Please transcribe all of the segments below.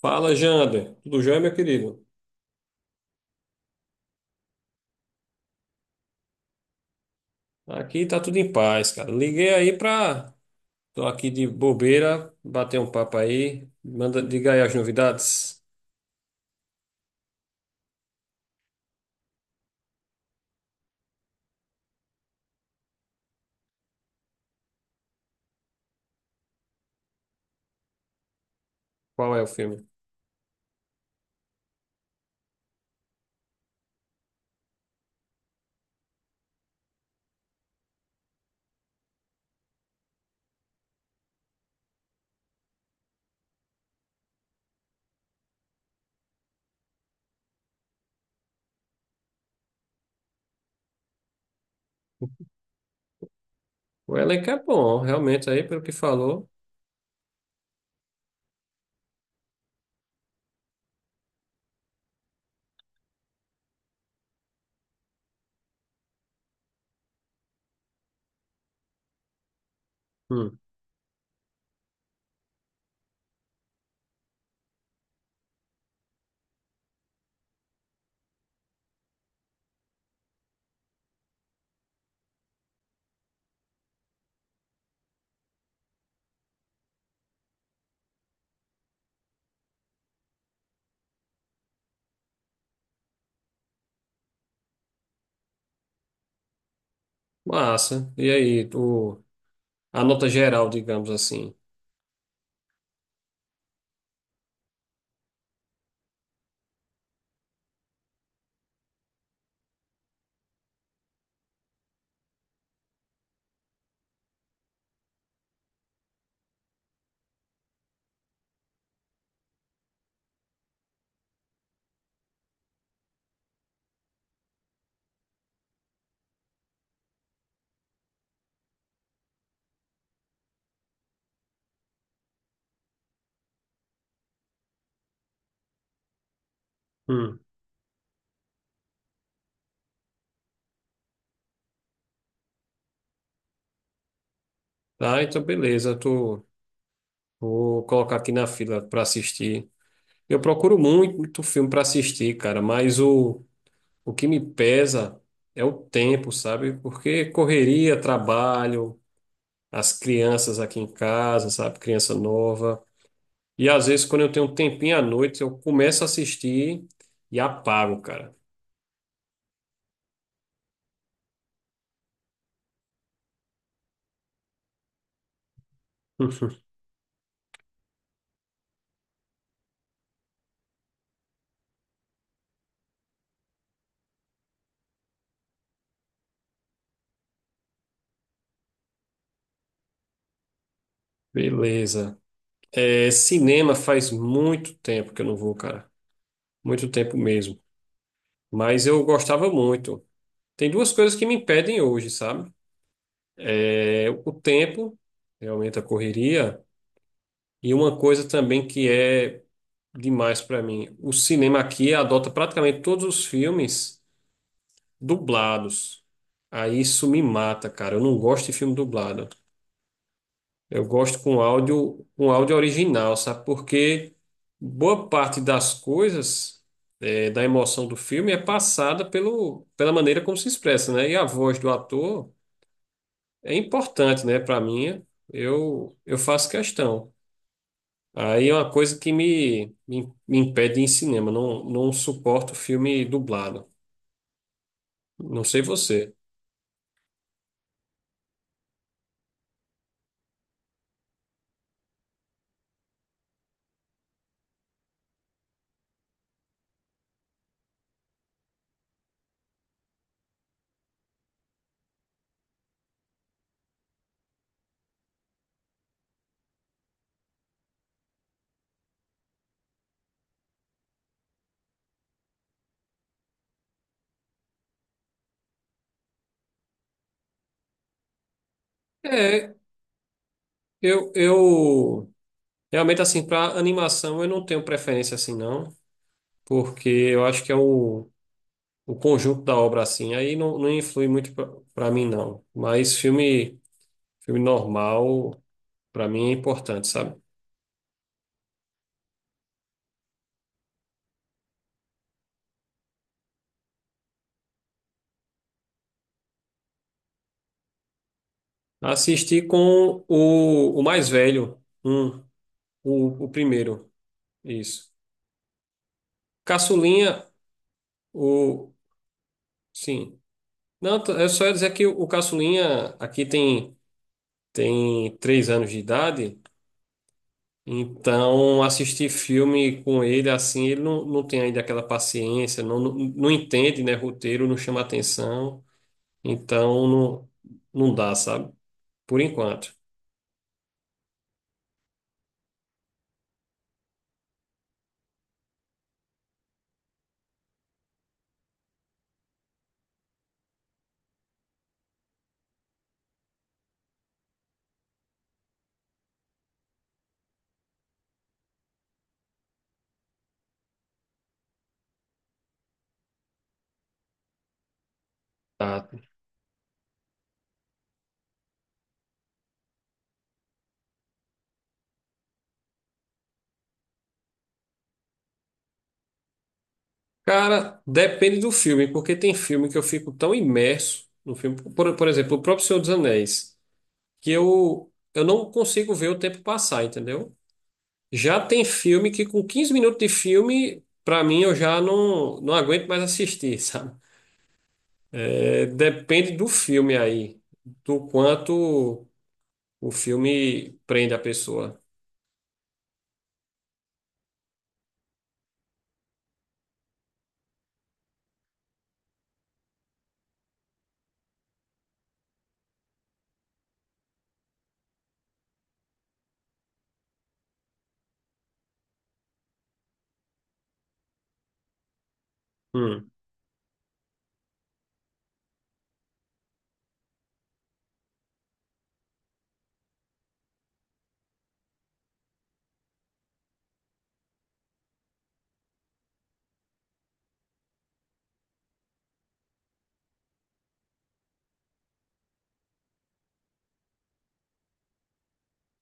Fala, Jander. Tudo jóia, meu querido? Aqui tá tudo em paz, cara. Liguei aí pra. Tô aqui de bobeira, bater um papo aí. Manda, diga aí as novidades. Qual é o filme? O elenco é bom, realmente, aí, pelo que falou. Hum, massa. E aí, tu... a nota geral, digamos assim. Hum, tá, então beleza. Tu... Vou colocar aqui na fila pra assistir. Eu procuro muito filme pra assistir, cara, mas o. O que me pesa é o tempo, sabe? Porque correria, trabalho, as crianças aqui em casa, sabe? Criança nova. E às vezes, quando eu tenho um tempinho à noite, eu começo a assistir e apago, cara. Beleza. É, cinema faz muito tempo que eu não vou, cara. Muito tempo mesmo. Mas eu gostava muito. Tem duas coisas que me impedem hoje, sabe? É o tempo, realmente a correria, e uma coisa também que é. Demais para mim. O cinema aqui adota praticamente todos os filmes dublados. Aí isso me mata, cara. Eu não gosto de filme dublado. Eu gosto com áudio original, sabe? Porque boa parte das coisas, da emoção do filme é passada pelo, pela maneira como se expressa, né? E a voz do ator é importante, né? Para mim, eu faço questão. Aí é uma coisa que me impede de ir em cinema. Não, não suporto filme dublado. Não sei você. É, eu realmente assim, para animação eu não tenho preferência assim, não, porque eu acho que é o conjunto da obra assim, aí não, não influi muito para mim, não. Mas filme, filme normal, para mim é importante, sabe? Assisti com o mais velho, um, o primeiro, isso. Caçulinha, o, Sim. Não, eu só ia dizer que o caçulinha aqui tem, tem 3 anos de idade, então assistir filme com ele assim, ele não, não tem ainda aquela paciência, não, não, não entende, né, roteiro, não chama atenção, então não, não dá, sabe? Por enquanto. Tá. Cara, depende do filme, porque tem filme que eu fico tão imerso no filme, por exemplo, o próprio Senhor dos Anéis, que eu não consigo ver o tempo passar, entendeu? Já tem filme que com 15 minutos de filme, pra mim, eu já não, não aguento mais assistir, sabe? É, depende do filme aí, do quanto o filme prende a pessoa. Hum,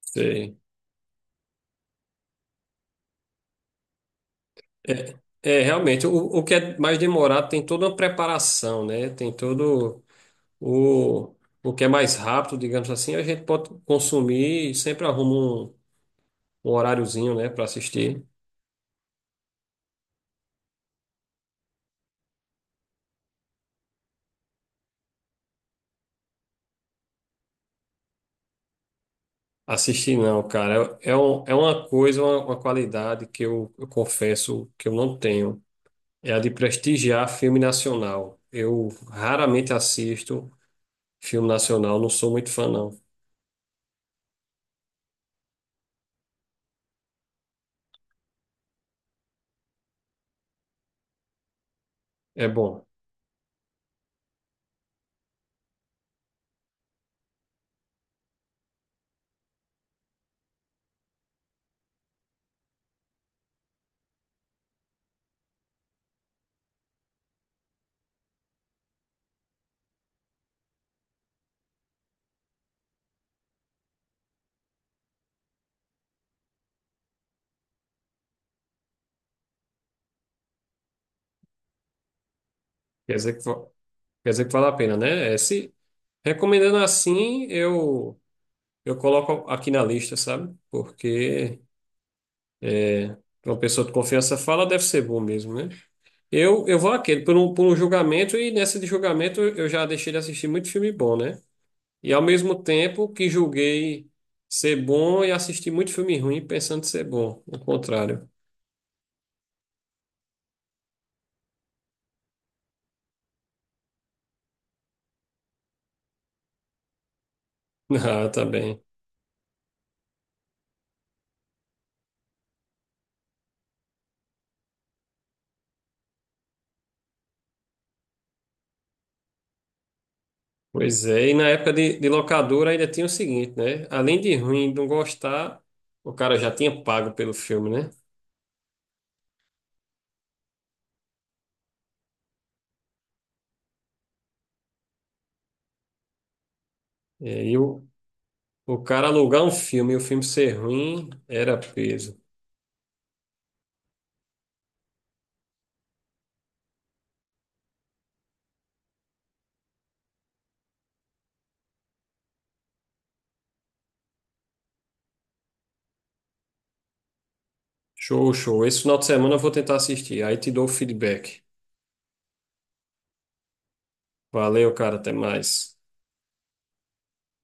sei. É, realmente, o que é mais demorado tem toda uma preparação, né? Tem todo o, o que é mais rápido, digamos assim, a gente pode consumir e sempre arruma um, um horáriozinho, né, para assistir. Assistir não, cara. É, é é uma coisa, uma qualidade que eu confesso que eu não tenho. É a de prestigiar filme nacional. Eu raramente assisto filme nacional, não sou muito fã, não. É bom. Quer dizer que, quer dizer que vale a pena, né? É, se, recomendando assim, eu coloco aqui na lista, sabe? Porque é, pra uma pessoa de confiança fala, deve ser bom mesmo, né? Eu vou àquele, por um julgamento, e nessa de julgamento eu já deixei de assistir muito filme bom, né? E ao mesmo tempo que julguei ser bom e assisti muito filme ruim pensando ser bom, o contrário. Ah, tá bem. Pois é, e na época de locadora ainda tinha o seguinte, né? Além de ruim, não gostar, o cara já tinha pago pelo filme, né? É, e aí o cara alugar um filme e o filme ser ruim era peso. Show, show. Esse final de semana eu vou tentar assistir. Aí te dou o feedback. Valeu, cara. Até mais.